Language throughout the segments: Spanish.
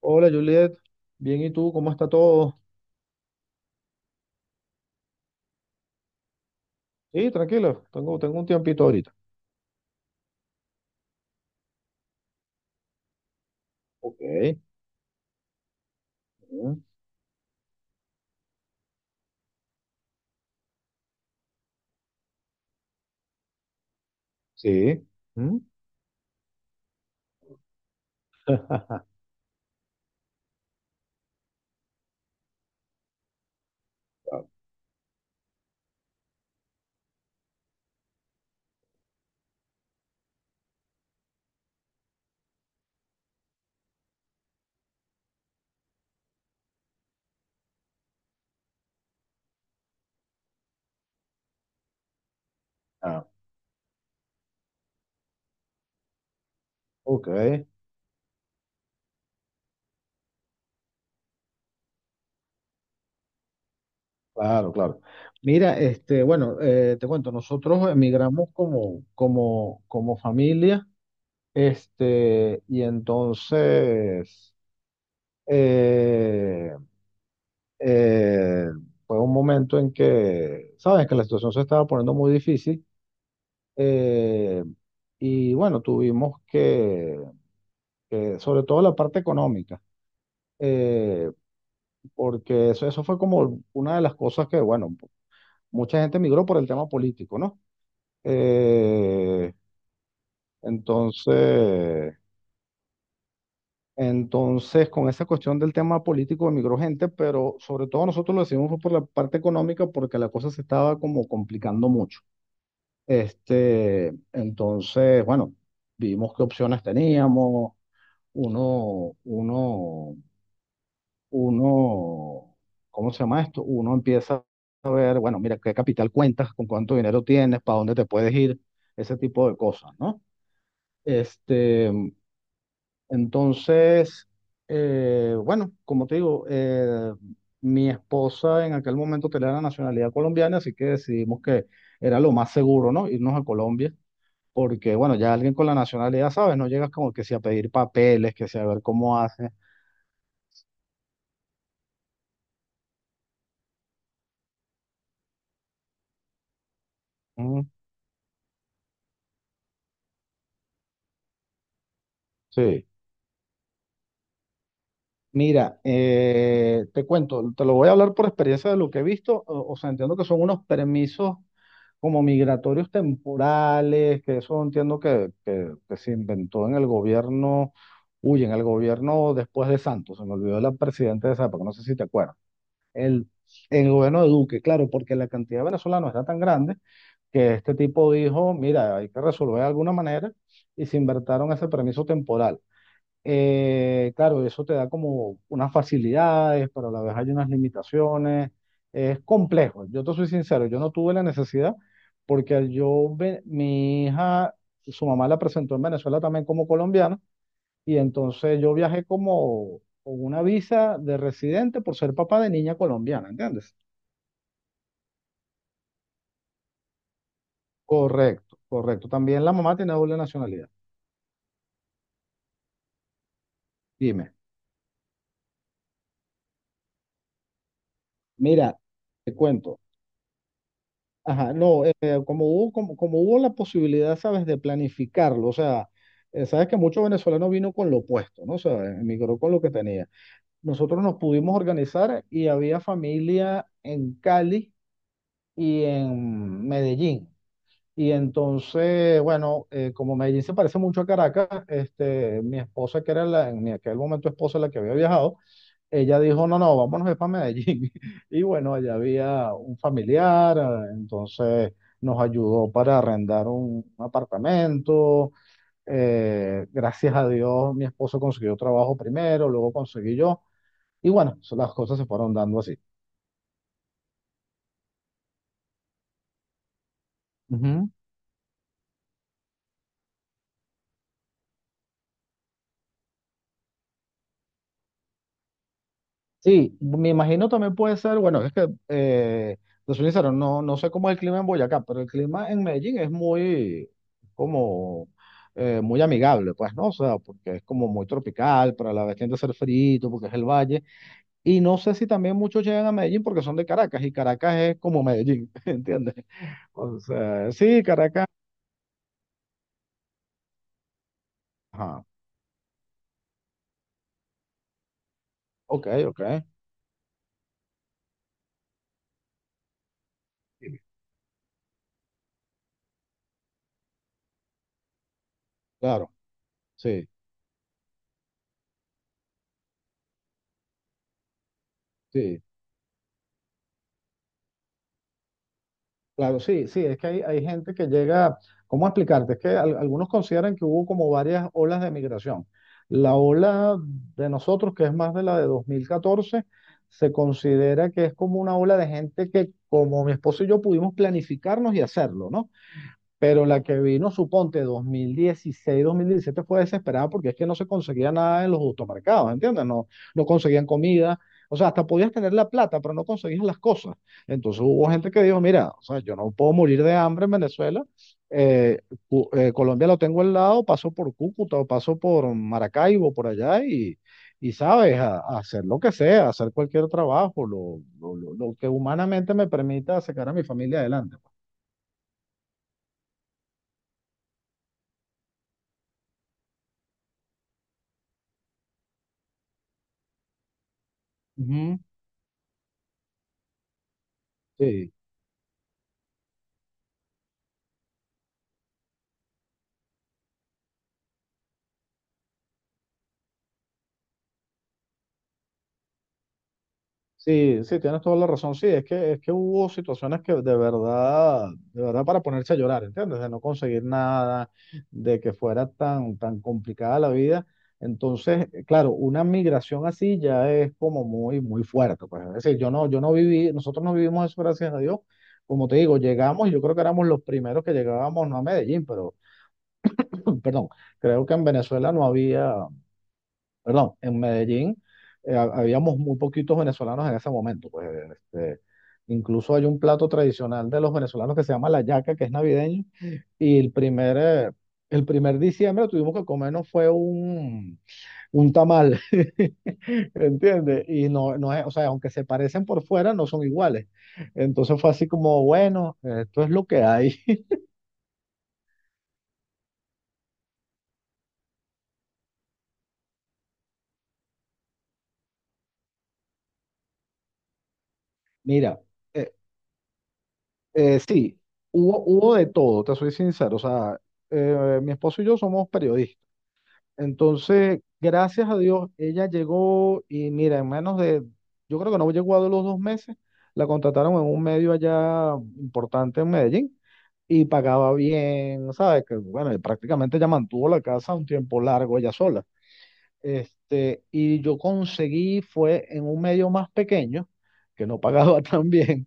Hola Juliet, bien, ¿y tú? ¿Cómo está todo? Sí, tranquilo, tengo un tiempito ahorita. Ok. Mm. Sí. Mm. Ah. Ok. Claro, claro. Mira, este, bueno, te cuento, nosotros emigramos como familia, este, y entonces eh, eh, fue un momento en que, sabes, que la situación se estaba poniendo muy difícil. Eh, y bueno, tuvimos sobre todo la parte económica, eh, porque eso fue como una de las cosas que, bueno, mucha gente migró por el tema político, ¿no? Eh, entonces, entonces, con esa cuestión del tema político emigró gente, pero sobre todo nosotros lo decimos fue por la parte económica, porque la cosa se estaba como complicando mucho. Este, entonces, bueno, vimos qué opciones teníamos, uno, uno, uno, ¿cómo se llama esto? Uno empieza a ver, bueno, mira, qué capital cuentas, con cuánto dinero tienes, para dónde te puedes ir, ese tipo de cosas, ¿no? Este, entonces, bueno, como te digo, mi esposa en aquel momento tenía la nacionalidad colombiana, así que decidimos que era lo más seguro, ¿no? Irnos a Colombia. Porque, bueno, ya alguien con la nacionalidad, ¿sabes? No llegas como que si a pedir papeles, que si a ver cómo hace. Mm. Sí. Mira, te cuento, te lo voy a hablar por experiencia de lo que he visto, o sea, entiendo que son unos permisos como migratorios temporales, que eso entiendo que se inventó en el gobierno, uy, en el gobierno después de Santos, se me olvidó la presidenta de esa época, no sé si te acuerdas, el, en el gobierno de Duque, claro, porque la cantidad de venezolanos era tan grande que este tipo dijo, mira, hay que resolver de alguna manera, y se inventaron ese permiso temporal. Claro, eso te da como unas facilidades, pero a la vez hay unas limitaciones. Es complejo. Yo te soy sincero, yo no tuve la necesidad porque mi hija, su mamá la presentó en Venezuela también como colombiana y entonces yo viajé como con una visa de residente por ser papá de niña colombiana, ¿entiendes? Correcto, correcto. También la mamá tiene doble nacionalidad. Dime, mira, te cuento. Ajá, no, como hubo la posibilidad, ¿sabes?, de planificarlo, o sea, sabes que muchos venezolanos vino con lo opuesto, ¿no? O sea, emigró con lo que tenía. Nosotros nos pudimos organizar y había familia en Cali y en Medellín. Y entonces, bueno, como Medellín se parece mucho a Caracas, este, mi esposa, que era la, en aquel momento esposa la que había viajado, ella dijo, no, no, vámonos es para Medellín. Y bueno, allá había un familiar, entonces nos ayudó para arrendar un apartamento. Gracias a Dios, mi esposo consiguió trabajo primero, luego conseguí yo. Y bueno, las cosas se fueron dando así. Sí, me imagino, también puede ser, bueno, es que, te soy sincero, no sé cómo es el clima en Boyacá, pero el clima en Medellín es muy, como, muy amigable, pues, ¿no? O sea, porque es como muy tropical, pero a la vez tiende a ser frito, porque es el valle. Y no sé si también muchos llegan a Medellín porque son de Caracas, y Caracas es como Medellín, ¿entiendes? O sea, sí, Caracas, ajá, ok, ok, claro, sí, sí. Claro, sí, sí, es que hay gente que llega, ¿cómo explicarte? Es que algunos consideran que hubo como varias olas de migración. La ola de nosotros, que es más de la de 2014, se considera que es como una ola de gente que como mi esposo y yo pudimos planificarnos y hacerlo, ¿no? Pero la que vino, suponte, 2016, 2017, fue desesperada porque es que no se conseguía nada en los automercados, ¿entiendes? No, no conseguían comida. O sea, hasta podías tener la plata, pero no conseguías las cosas. Entonces hubo gente que dijo, mira, o sea, yo no puedo morir de hambre en Venezuela. eh, Colombia lo tengo al lado, paso por Cúcuta o paso por Maracaibo, por allá, y sabes, a hacer lo que sea, hacer cualquier trabajo, lo que humanamente me permita sacar a mi familia adelante, pues. Ujú. Sí. Sí, sí, tienes toda la razón. Sí, es que hubo situaciones que de verdad para ponerse a llorar, ¿entiendes? De no conseguir nada, de que fuera tan, tan complicada la vida. Entonces, claro, una migración así ya es como muy, muy fuerte, pues. Es decir, yo no, yo no viví, nosotros no vivimos eso, gracias a Dios. Como te digo, llegamos, y yo creo que éramos los primeros que llegábamos, no a Medellín, pero, perdón, creo que en Venezuela no había, perdón, en Medellín habíamos muy poquitos venezolanos en ese momento, pues. Este, incluso hay un plato tradicional de los venezolanos que se llama la yaca, que es navideño, y el primer diciembre tuvimos que comernos fue un, tamal, ¿entiendes? Y no, no es, o sea, aunque se parecen por fuera, no son iguales. Entonces fue así como, bueno, esto es lo que hay. Mira, eh, sí, hubo de todo, te soy sincero. O sea, mi esposo y yo somos periodistas. Entonces, gracias a Dios, ella llegó y mira, en menos de, yo creo que no llegó a los 2 meses, la contrataron en un medio allá importante en Medellín y pagaba bien, ¿sabes? Que bueno, y prácticamente ella mantuvo la casa un tiempo largo ella sola. Este, y yo conseguí, fue en un medio más pequeño, que no pagaba tan bien,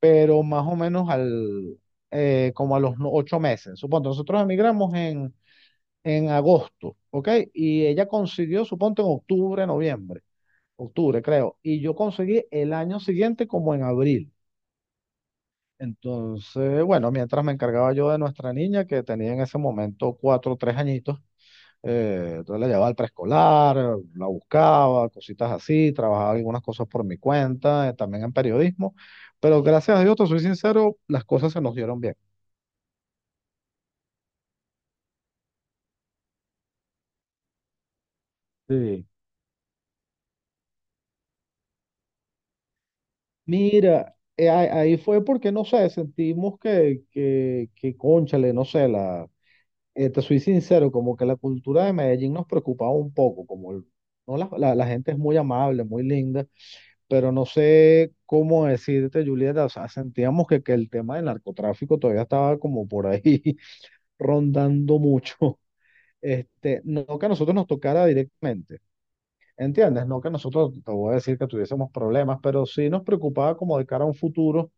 pero más o menos como a los 8 meses. Supongo, nosotros emigramos en agosto, ¿ok? Y ella consiguió, suponte, en octubre, noviembre, octubre creo, y yo conseguí el año siguiente como en abril. Entonces, bueno, mientras me encargaba yo de nuestra niña, que tenía en ese momento 4 o 3 añitos, entonces la llevaba al preescolar, la buscaba, cositas así, trabajaba algunas cosas por mi cuenta, también en periodismo, pero gracias a Dios, te soy sincero, las cosas se nos dieron bien. Sí. Mira, ahí fue porque, no sé, sentimos que cónchale, no sé, te soy sincero, como que la cultura de Medellín nos preocupaba un poco, como no la, la gente es muy amable, muy linda, pero no sé cómo decirte, Julieta, o sea, sentíamos que el tema del narcotráfico todavía estaba como por ahí rondando mucho. Este, no que a nosotros nos tocara directamente. ¿Entiendes? No que nosotros, te voy a decir que tuviésemos problemas, pero sí nos preocupaba como de cara a un futuro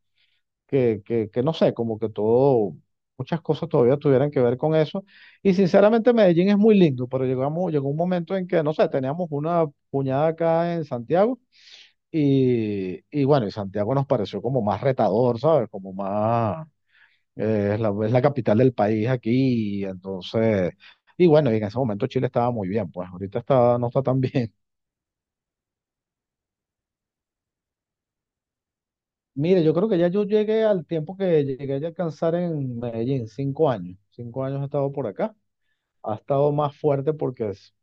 que, no sé, como que todo, muchas cosas todavía tuvieran que ver con eso. Y sinceramente Medellín es muy lindo, pero llegamos, llegó un momento en que, no sé, teníamos una puñada acá en Santiago y bueno, y Santiago nos pareció como más retador, ¿sabes? Como más, es la capital del país aquí, y entonces. Y bueno, y en ese momento Chile estaba muy bien, pues ahorita está, no está tan bien. Mire, yo creo que ya yo llegué al tiempo que llegué a alcanzar en Medellín, 5 años. 5 años he estado por acá. Ha estado más fuerte porque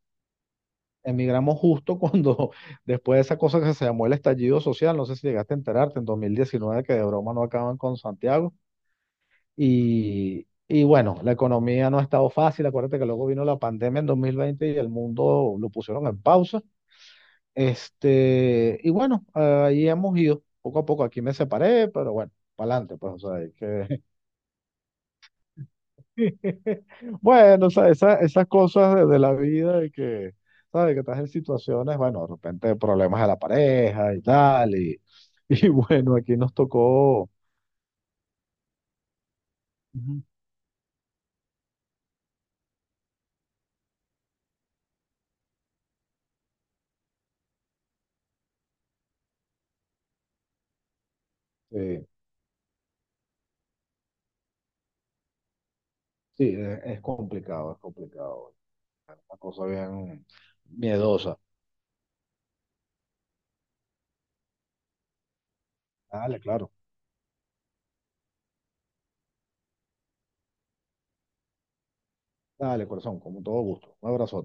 emigramos justo cuando, después de esa cosa que se llamó el estallido social, no sé si llegaste a enterarte, en 2019, que de broma no acaban con Santiago. Y bueno, la economía no ha estado fácil, acuérdate que luego vino la pandemia en 2020 y el mundo lo pusieron en pausa. Este, y bueno, ahí hemos ido poco a poco, aquí me separé, pero bueno, para adelante, pues, o sea, hay que. Bueno, o sea, esas cosas de la vida y que, ¿sabes? Que estás en situaciones, bueno, de repente problemas de la pareja y tal, y, y bueno, aquí nos tocó. Ujú. eh, sí, es complicado, es complicado, una cosa bien miedosa. Dale, claro, dale, corazón, con todo gusto, un abrazo.